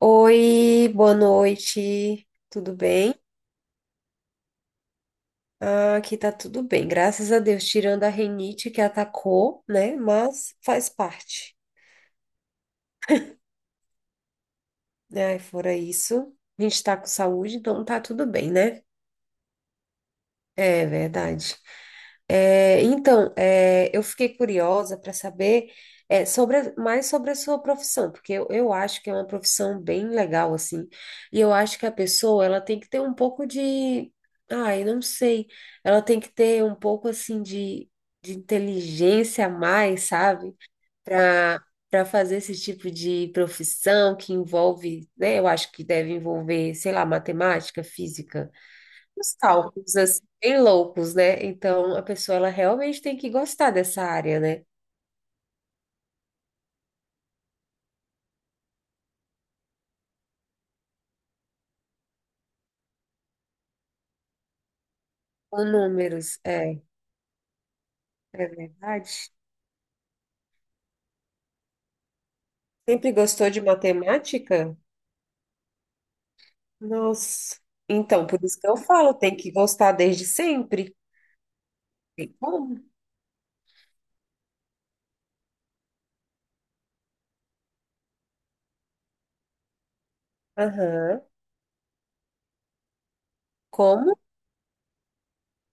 Oi, boa noite, tudo bem? Ah, aqui tá tudo bem, graças a Deus, tirando a rinite que atacou, né? Mas faz parte, né? Fora isso, a gente tá com saúde, então tá tudo bem, né? É verdade. É, então, eu fiquei curiosa para saber mais sobre a sua profissão, porque eu acho que é uma profissão bem legal, assim, e eu acho que a pessoa, ela tem que ter um pouco de, ai, não sei, ela tem que ter um pouco, assim, de, inteligência a mais, sabe? Para para fazer esse tipo de profissão que envolve, né, eu acho que deve envolver, sei lá, matemática, física, os cálculos, assim, bem loucos, né? Então, a pessoa, ela realmente tem que gostar dessa área, né? Com números, é verdade. Sempre gostou de matemática? Nossa. Então, por isso que eu falo, tem que gostar desde sempre. Tem como? Aham. Como?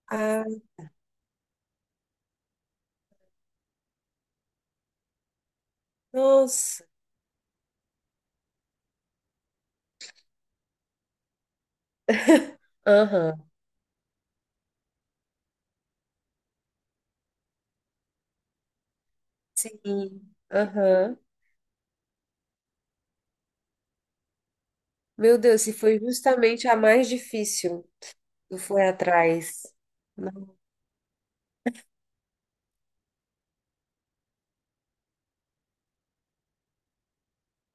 Ah, nossa. Aham. Sim. Aham. Meu Deus, se foi justamente a mais difícil, tu foi atrás.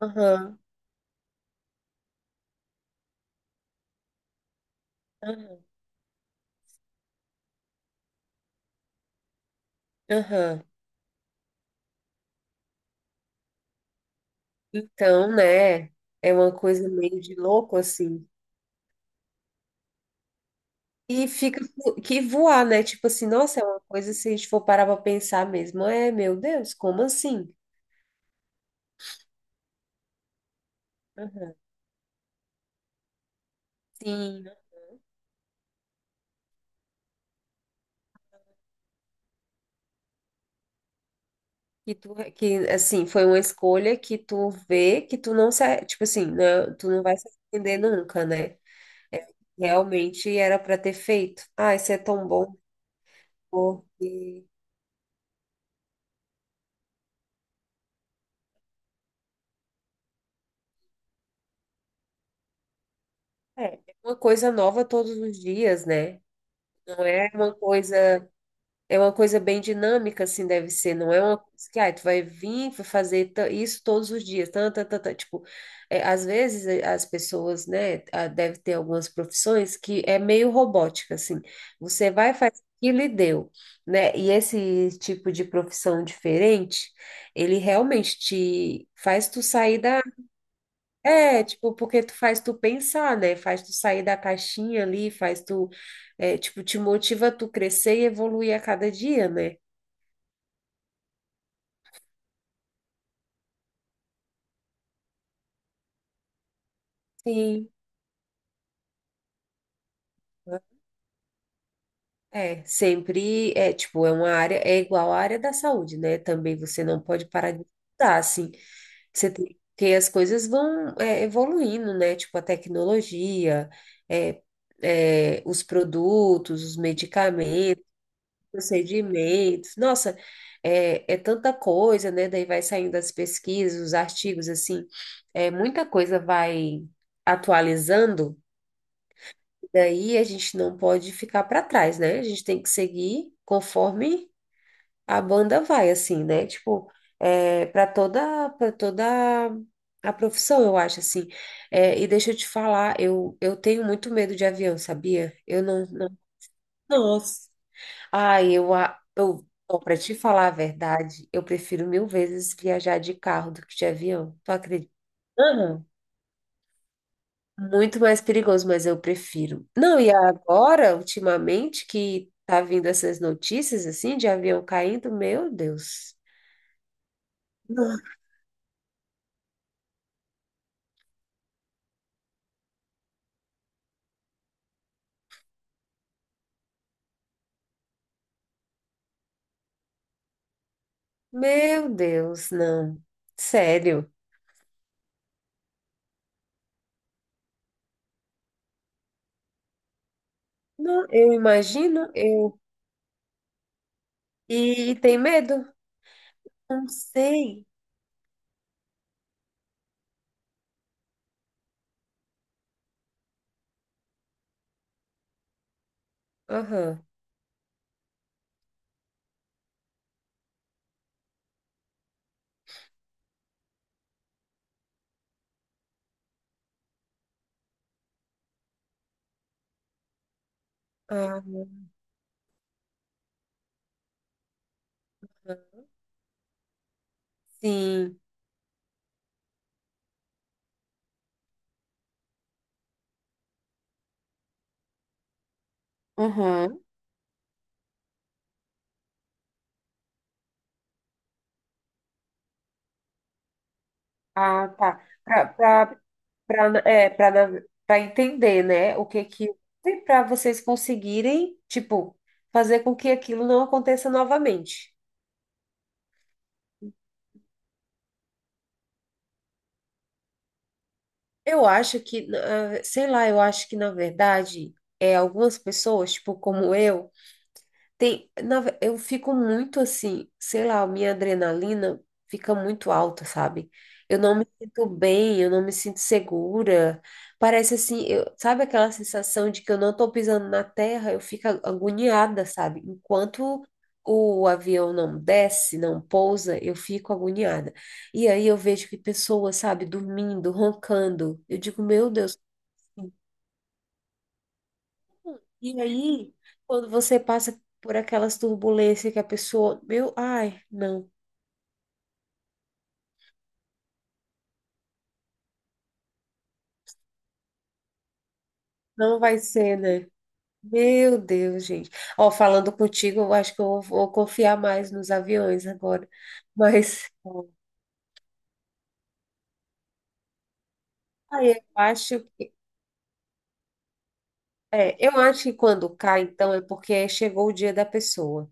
Aham. Aham. Aham. Então, né? É uma coisa meio de louco, assim. E fica que voar, né? Tipo assim, nossa, é uma coisa se a gente for parar pra pensar mesmo. É, meu Deus, como assim? Aham. Sim, que tu, que assim, foi uma escolha que tu vê que tu não se, tipo assim, né? Tu não vai se arrepender nunca, né? Realmente era pra ter feito. Ah, isso é tão bom, porque é uma coisa nova todos os dias, né? Não é uma coisa. É uma coisa bem dinâmica, assim, deve ser. Não é uma coisa que, ah, tu vai vir vai fazer isso todos os dias. Tan, tan, tan, tan. Tipo, é, às vezes as pessoas, né, ah, deve ter algumas profissões que é meio robótica, assim. Você vai, faz aquilo e deu, né? E esse tipo de profissão diferente, ele realmente te faz tu sair da... É, tipo, porque tu faz tu pensar, né? Faz tu sair da caixinha ali, faz tu... É, tipo, te motiva a tu crescer e evoluir a cada dia, né? Sim, é, sempre é, tipo, é uma área, é igual à área da saúde, né? Também você não pode parar de estudar, assim, você tem, porque as coisas vão evoluindo, né? Tipo, a tecnologia, é, é, os produtos, os medicamentos, procedimentos, nossa, é, é tanta coisa, né? Daí vai saindo as pesquisas, os artigos, assim, é, muita coisa vai atualizando. Daí a gente não pode ficar para trás, né? A gente tem que seguir conforme a banda vai, assim, né? Tipo, é, para toda a profissão, eu acho, assim. É, e deixa eu te falar, eu, tenho muito medo de avião, sabia? Eu não, não. Nossa. Ai, eu, para te falar a verdade, eu prefiro mil vezes viajar de carro do que de avião. Tu acredita? Muito mais perigoso, mas eu prefiro. Não, e agora, ultimamente, que tá vindo essas notícias assim de avião caindo, meu Deus. Não, meu Deus, não. Sério. Não, eu imagino, eu... E, e tem medo? Não sei. Aham. Ah, sim. Uhum. Ah, tá. Para para é, para para entender, né, o que que para vocês conseguirem, tipo, fazer com que aquilo não aconteça novamente. Eu acho que, ah, sei lá, eu acho que na verdade, é algumas pessoas, tipo, como eu. Tem, eu fico muito assim, sei lá, minha adrenalina fica muito alta, sabe? Eu não me sinto bem, eu não me sinto segura. Parece assim, eu, sabe aquela sensação de que eu não tô pisando na terra? Eu fico agoniada, sabe? Enquanto o avião não desce, não pousa, eu fico agoniada. E aí eu vejo que pessoas, sabe, dormindo, roncando. Eu digo, meu Deus. E aí, quando você passa por aquelas turbulências que a pessoa, meu, ai, não, não vai ser, né? Meu Deus, gente. Ó, falando contigo, eu acho que eu vou, vou confiar mais nos aviões agora. Mas aí eu acho, é, eu acho que quando cai, então, é porque chegou o dia da pessoa.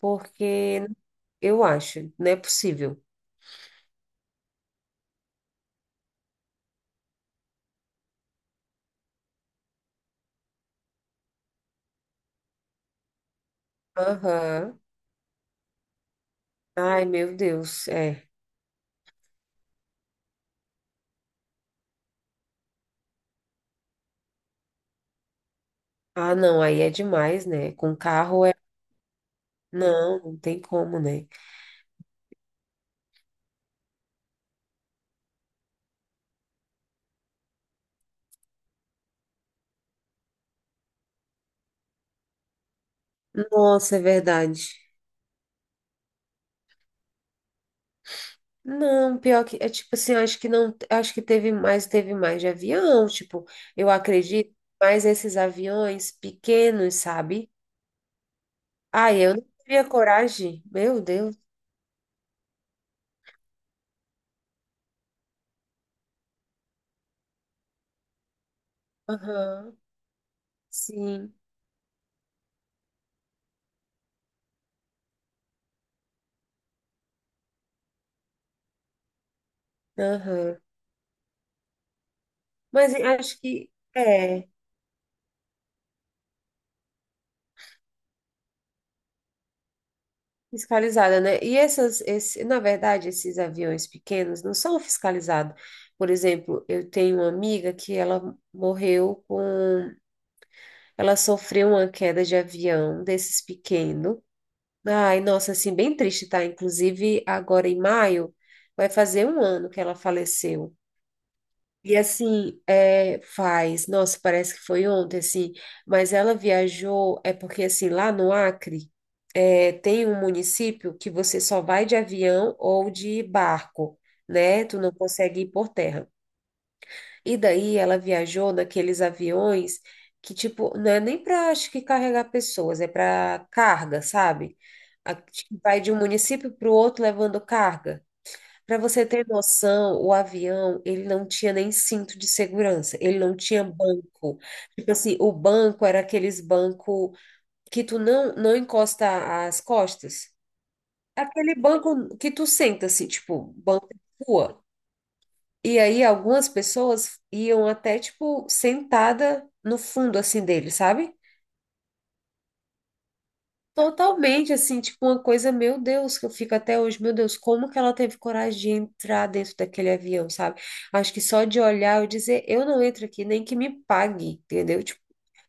Porque eu acho, não é possível. Aham. Ai, meu Deus, é. Ah, não, aí é demais, né? Com carro é. Não, não tem como, né? Nossa, é verdade. Não, pior que é tipo assim, eu acho que não, acho que teve mais de avião, tipo, eu acredito, mais esses aviões pequenos, sabe? Ai, eu não teria coragem, meu Deus. Aham, sim, aham. Mas eu acho que é fiscalizada, né? E essas, na verdade, esses aviões pequenos não são fiscalizados. Por exemplo, eu tenho uma amiga que ela morreu com. Ela sofreu uma queda de avião desses pequeno. Ai, nossa, assim, bem triste, tá? Inclusive, agora em maio, vai fazer um ano que ela faleceu. E assim, é, faz, nossa, parece que foi ontem, assim, mas ela viajou, é porque assim, lá no Acre, é, tem um município que você só vai de avião ou de barco, né? Tu não consegue ir por terra. E daí ela viajou naqueles aviões que, tipo, não é nem para, acho que, carregar pessoas, é para carga, sabe? Que vai de um município para o outro levando carga. Para você ter noção, o avião, ele não tinha nem cinto de segurança, ele não tinha banco. Tipo assim, o banco era aqueles banco que tu não, não encosta as costas. Aquele banco que tu senta, assim, tipo, banco de rua. E aí algumas pessoas iam até, tipo, sentada no fundo, assim, dele, sabe? Totalmente, assim, tipo, uma coisa, meu Deus, que eu fico até hoje, meu Deus, como que ela teve coragem de entrar dentro daquele avião, sabe? Acho que só de olhar eu dizer, eu não entro aqui, nem que me pague, entendeu? Tipo,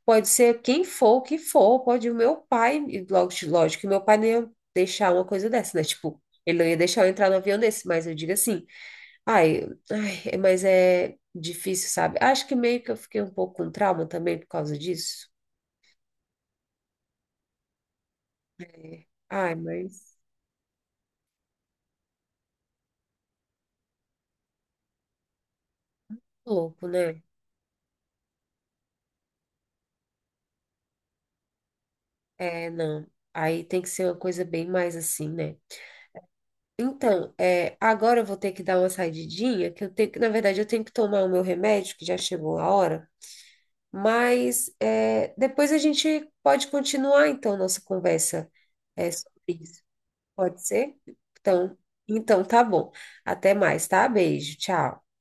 pode ser quem for, o que for, pode o meu pai, e lógico, que meu pai nem ia deixar uma coisa dessa, né? Tipo, ele não ia deixar eu entrar no avião desse, mas eu digo assim, ai, ai, mas é difícil, sabe? Acho que meio que eu fiquei um pouco com trauma também por causa disso. É. Ai, mas é louco, né? É, não. Aí tem que ser uma coisa bem mais assim, né? Então, é, agora eu vou ter que dar uma saidinha, que eu tenho que, na verdade, eu tenho que tomar o meu remédio, que já chegou a hora. Mas é, depois a gente pode continuar, então, nossa conversa é, sobre isso. Pode ser? Então, então, tá bom. Até mais, tá? Beijo, tchau.